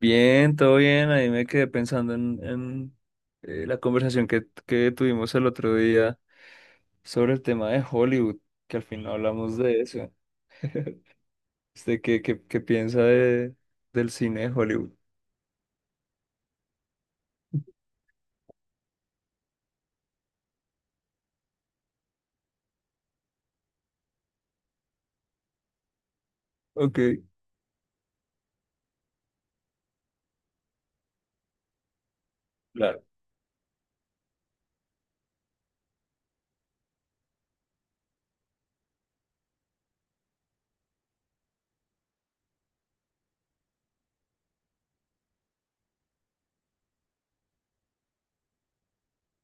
Bien, todo bien. Ahí me quedé pensando en la conversación que tuvimos el otro día sobre el tema de Hollywood, que al final hablamos de eso. Este, ¿qué piensa del cine de Hollywood? Ok, claro.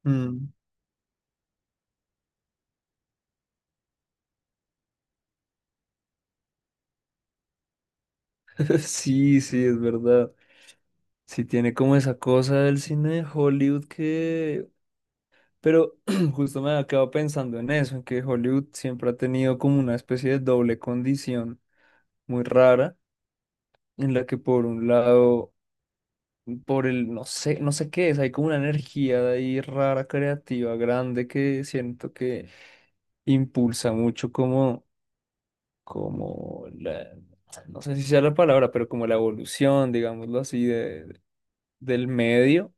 Mm, Sí, sí, es verdad. Sí tiene como esa cosa del cine de Hollywood que... Pero justo me había quedado pensando en eso, en que Hollywood siempre ha tenido como una especie de doble condición muy rara en la que por un lado por no sé, no sé qué es, hay como una energía de ahí rara, creativa, grande, que siento que impulsa mucho como la, no sé si sea la palabra, pero como la evolución, digámoslo así, del medio,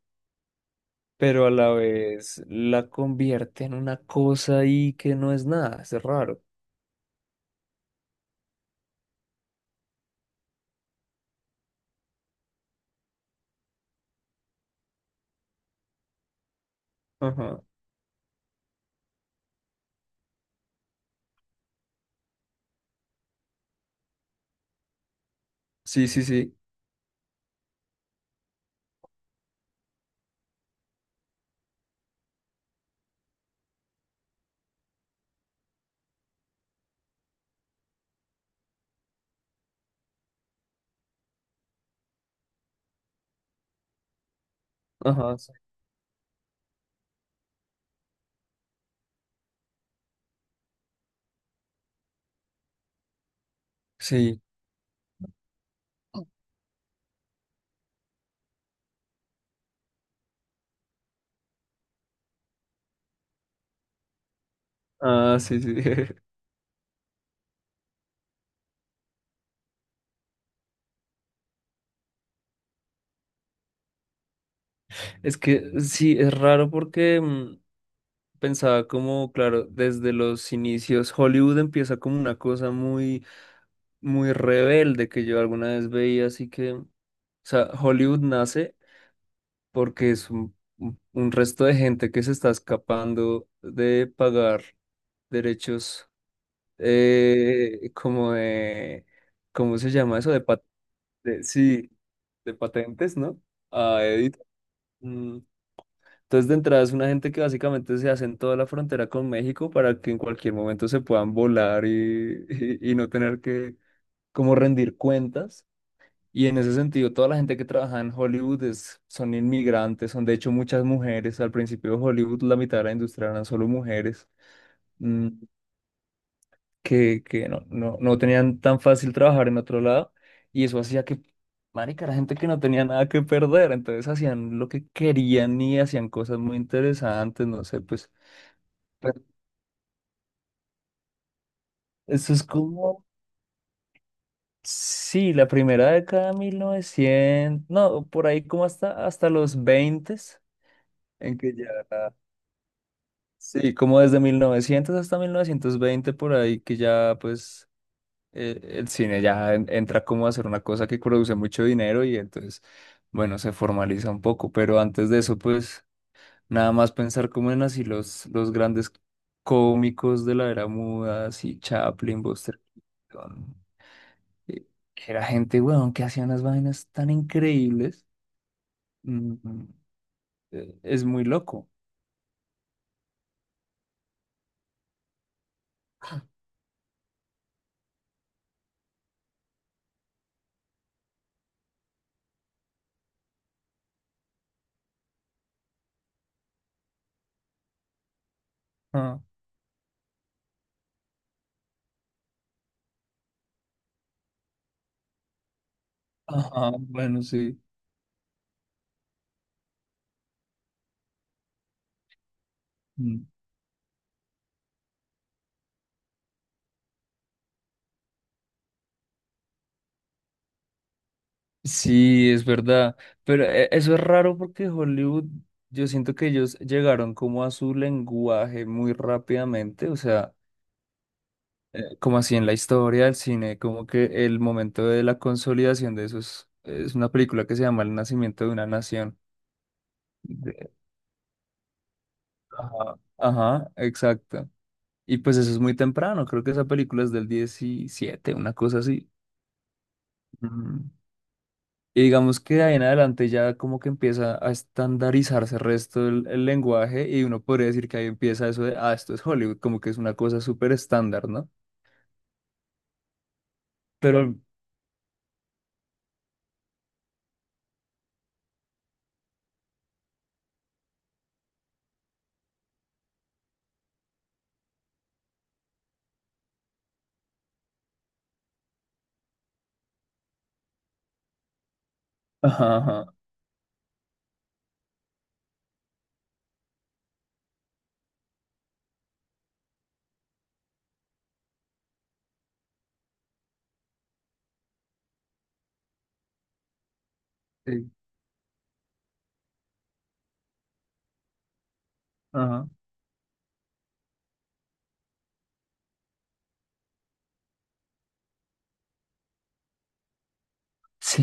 pero a la vez la convierte en una cosa ahí que no es nada, es raro. Ajá. Sí, sí, sí. Ajá, sí. Sí. Ah, sí, sí. Es que sí, es raro porque... pensaba como, claro, desde los inicios, Hollywood empieza como una cosa muy, muy rebelde que yo alguna vez veía, así que, o sea, Hollywood nace porque es un resto de gente que se está escapando de pagar derechos, como de, ¿cómo se llama eso? De, sí, de patentes, ¿no? A Edith. mm, Entonces, de entrada es una gente que básicamente se hace en toda la frontera con México para que en cualquier momento se puedan volar y no tener que como rendir cuentas. Y en ese sentido, toda la gente que trabaja en Hollywood es, son inmigrantes, son de hecho muchas mujeres. Al principio de Hollywood, la mitad de la industria eran solo mujeres mm, que no tenían tan fácil trabajar en otro lado. Y eso hacía marica, era gente que no tenía nada que perder. Entonces hacían lo que querían y hacían cosas muy interesantes. No sé, pues pero eso es como, sí, la primera década de 1900 no, por ahí como hasta los 20 en que ya, sí, como desde 1900 hasta 1920, por ahí que ya, pues, el cine ya entra como a ser una cosa que produce mucho dinero y entonces, bueno, se formaliza un poco, pero antes de eso, pues, nada más pensar como en así los grandes cómicos de la era muda, así Chaplin, Buster Keaton. eh, que era gente, weón, que hacía unas vainas tan increíbles. Mm, mm, es muy loco. Ah, ajá, bueno, sí. Mm. Sí, es verdad. Pero eso es raro porque Hollywood, yo siento que ellos llegaron como a su lenguaje muy rápidamente. O sea, como así en la historia del cine, como que el momento de la consolidación de eso es una película que se llama El nacimiento de una nación. De- ajá, ajá, exacto. Y pues eso es muy temprano, creo que esa película es del 17 una cosa así. Mm, Y digamos que de ahí en adelante ya como que empieza a estandarizarse el resto del el lenguaje y uno podría decir que ahí empieza eso de, ah, esto es Hollywood, como que es una cosa súper estándar, ¿no? Pero, ajá, ajá, sí, ajá. Sí,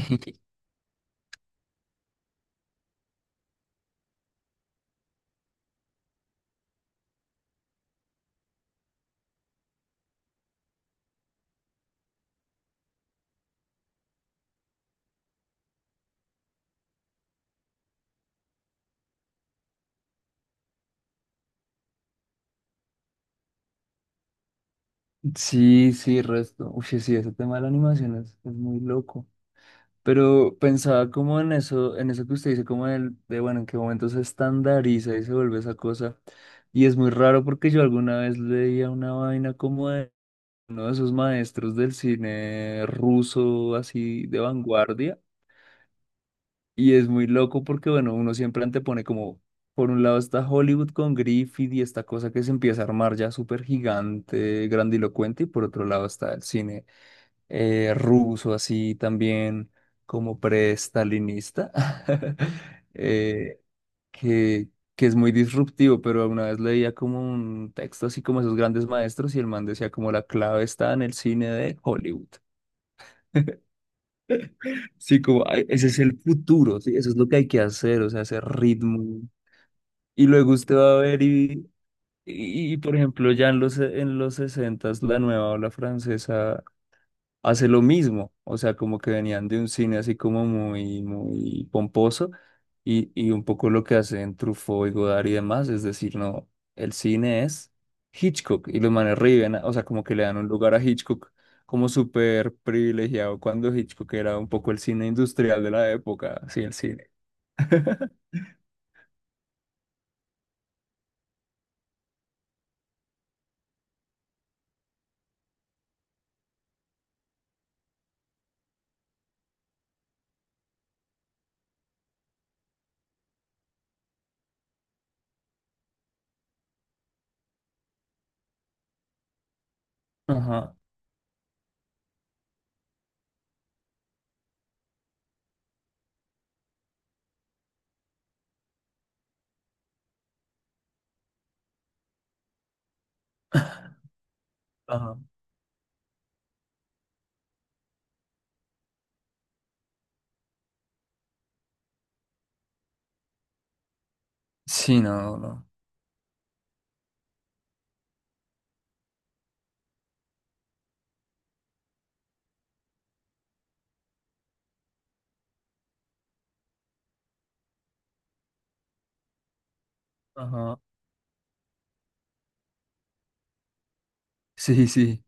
sí, sí, resto. Uy, sí, ese tema de la animación es muy loco. Pero pensaba como en eso que usted dice, como el de, bueno, en qué momento se estandariza y se vuelve esa cosa. Y es muy raro porque yo alguna vez leía una vaina como de uno de esos maestros del cine ruso, así de vanguardia. Y es muy loco porque, bueno, uno siempre antepone como, por un lado está Hollywood con Griffith y esta cosa que se empieza a armar ya súper gigante, grandilocuente, y por otro lado está el cine ruso así también como pre-stalinista, eh, que, que es muy disruptivo, pero alguna vez leía como un texto así como esos grandes maestros y el man decía como la clave está en el cine de Hollywood. Sí, como "Ay, ese es el futuro, sí, eso es lo que hay que hacer, o sea, ese ritmo. Y luego usted va a ver y, por ejemplo, ya en en los 60 la nueva ola francesa hace lo mismo, o sea, como que venían de un cine así como muy, muy pomposo y un poco lo que hacen Truffaut y Godard y demás, es decir, no, el cine es Hitchcock y los manes riven, o sea, como que le dan un lugar a Hitchcock como súper privilegiado cuando Hitchcock era un poco el cine industrial de la época, sí, el cine. Ajá, ajá. Sí, no, no. Ajá. Sí, sí.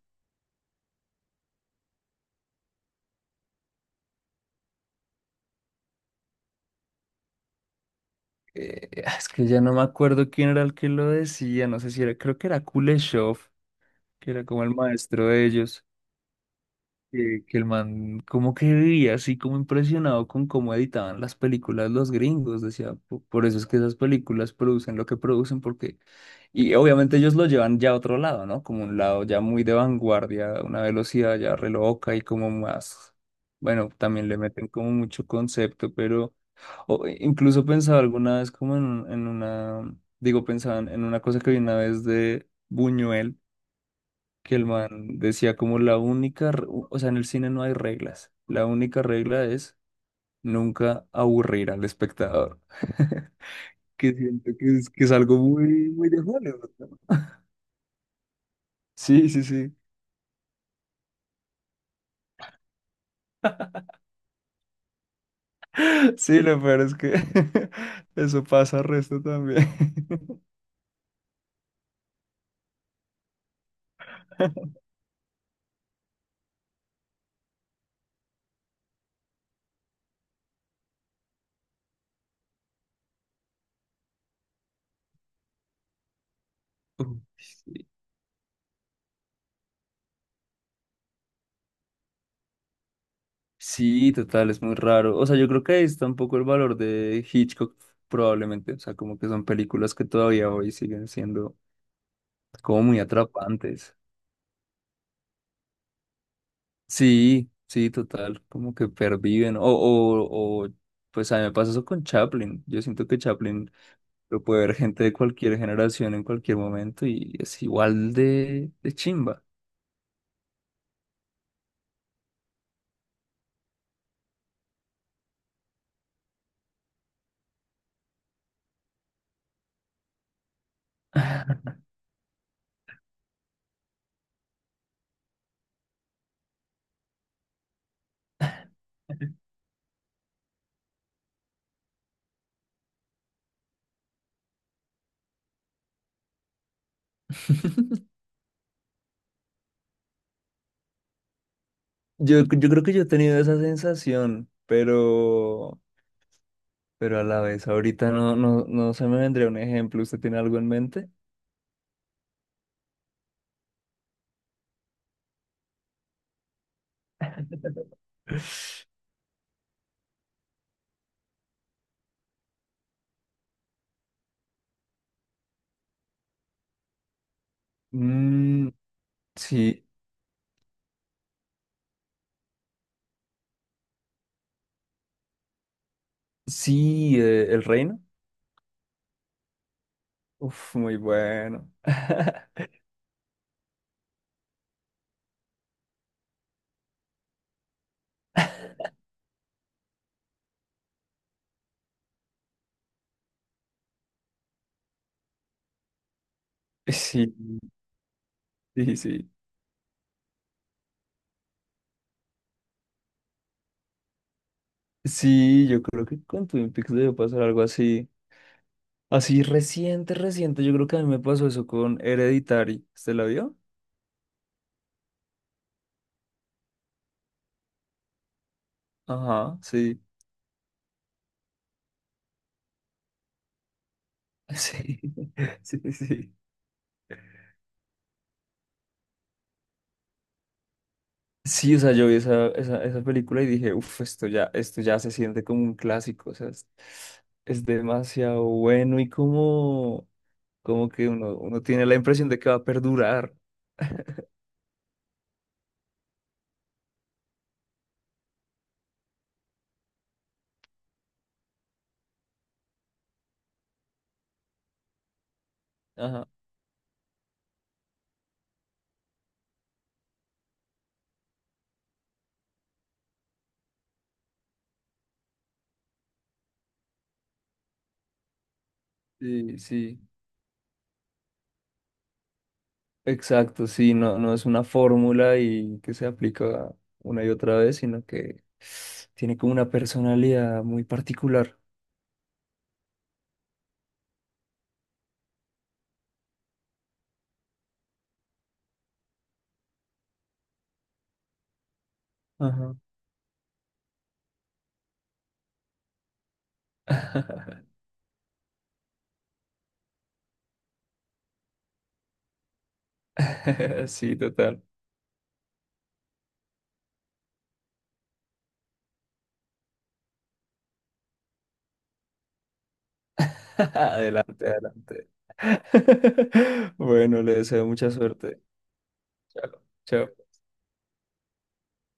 Es que ya no me acuerdo quién era el que lo decía, no sé si era, creo que era Kuleshov, que era como el maestro de ellos, que el man como que vivía así como impresionado con cómo editaban las películas los gringos, decía, "Po- por eso es que esas películas producen lo que producen, porque, y obviamente ellos lo llevan ya a otro lado, ¿no? Como un lado ya muy de vanguardia, una velocidad ya re loca y como más, bueno, también le meten como mucho concepto, pero incluso pensaba alguna vez como en una, digo, pensaba en una cosa que vi una vez de... Buñuel, que el man decía como la única, o sea, en el cine no hay reglas, la única regla es nunca aburrir al espectador, que siento que es algo muy, muy de Hollywood. ¿No? Sí, sí, sí, sí, lo peor es que eso pasa al resto también. Uy, sí, sí, total, es muy raro. O sea, yo creo que ahí está un poco el valor de Hitchcock, probablemente. O sea, como que son películas que todavía hoy siguen siendo como muy atrapantes. Sí, sí, total, como que perviven. Pues a mí me pasa eso con Chaplin. Yo siento que Chaplin lo puede ver gente de cualquier generación en cualquier momento y es igual de chimba. Yo creo que yo he tenido esa sensación, pero a la vez, ahorita no se me vendría un ejemplo. ¿Usted tiene algo en mente? Mm, sí, sí, El Reino. Uf, muy bueno. Sí, sí, sí. Sí, yo creo que con Twin Peaks debe pasar algo así. Así reciente, reciente. Yo creo que a mí me pasó eso con Hereditary. ¿Usted la vio? Ajá, sí. Sí, sí, sí. Sí, o sea, yo vi esa película y dije, uff, esto ya se siente como un clásico. O sea, es demasiado bueno y como, como que uno tiene la impresión de que va a perdurar. Ajá. Sí, sí. Exacto, sí, no, no es una fórmula y que se aplica una y otra vez, sino que tiene como una personalidad muy particular. Ajá. Sí, total. Adelante, adelante. Bueno, le deseo mucha suerte. Chao. Chao.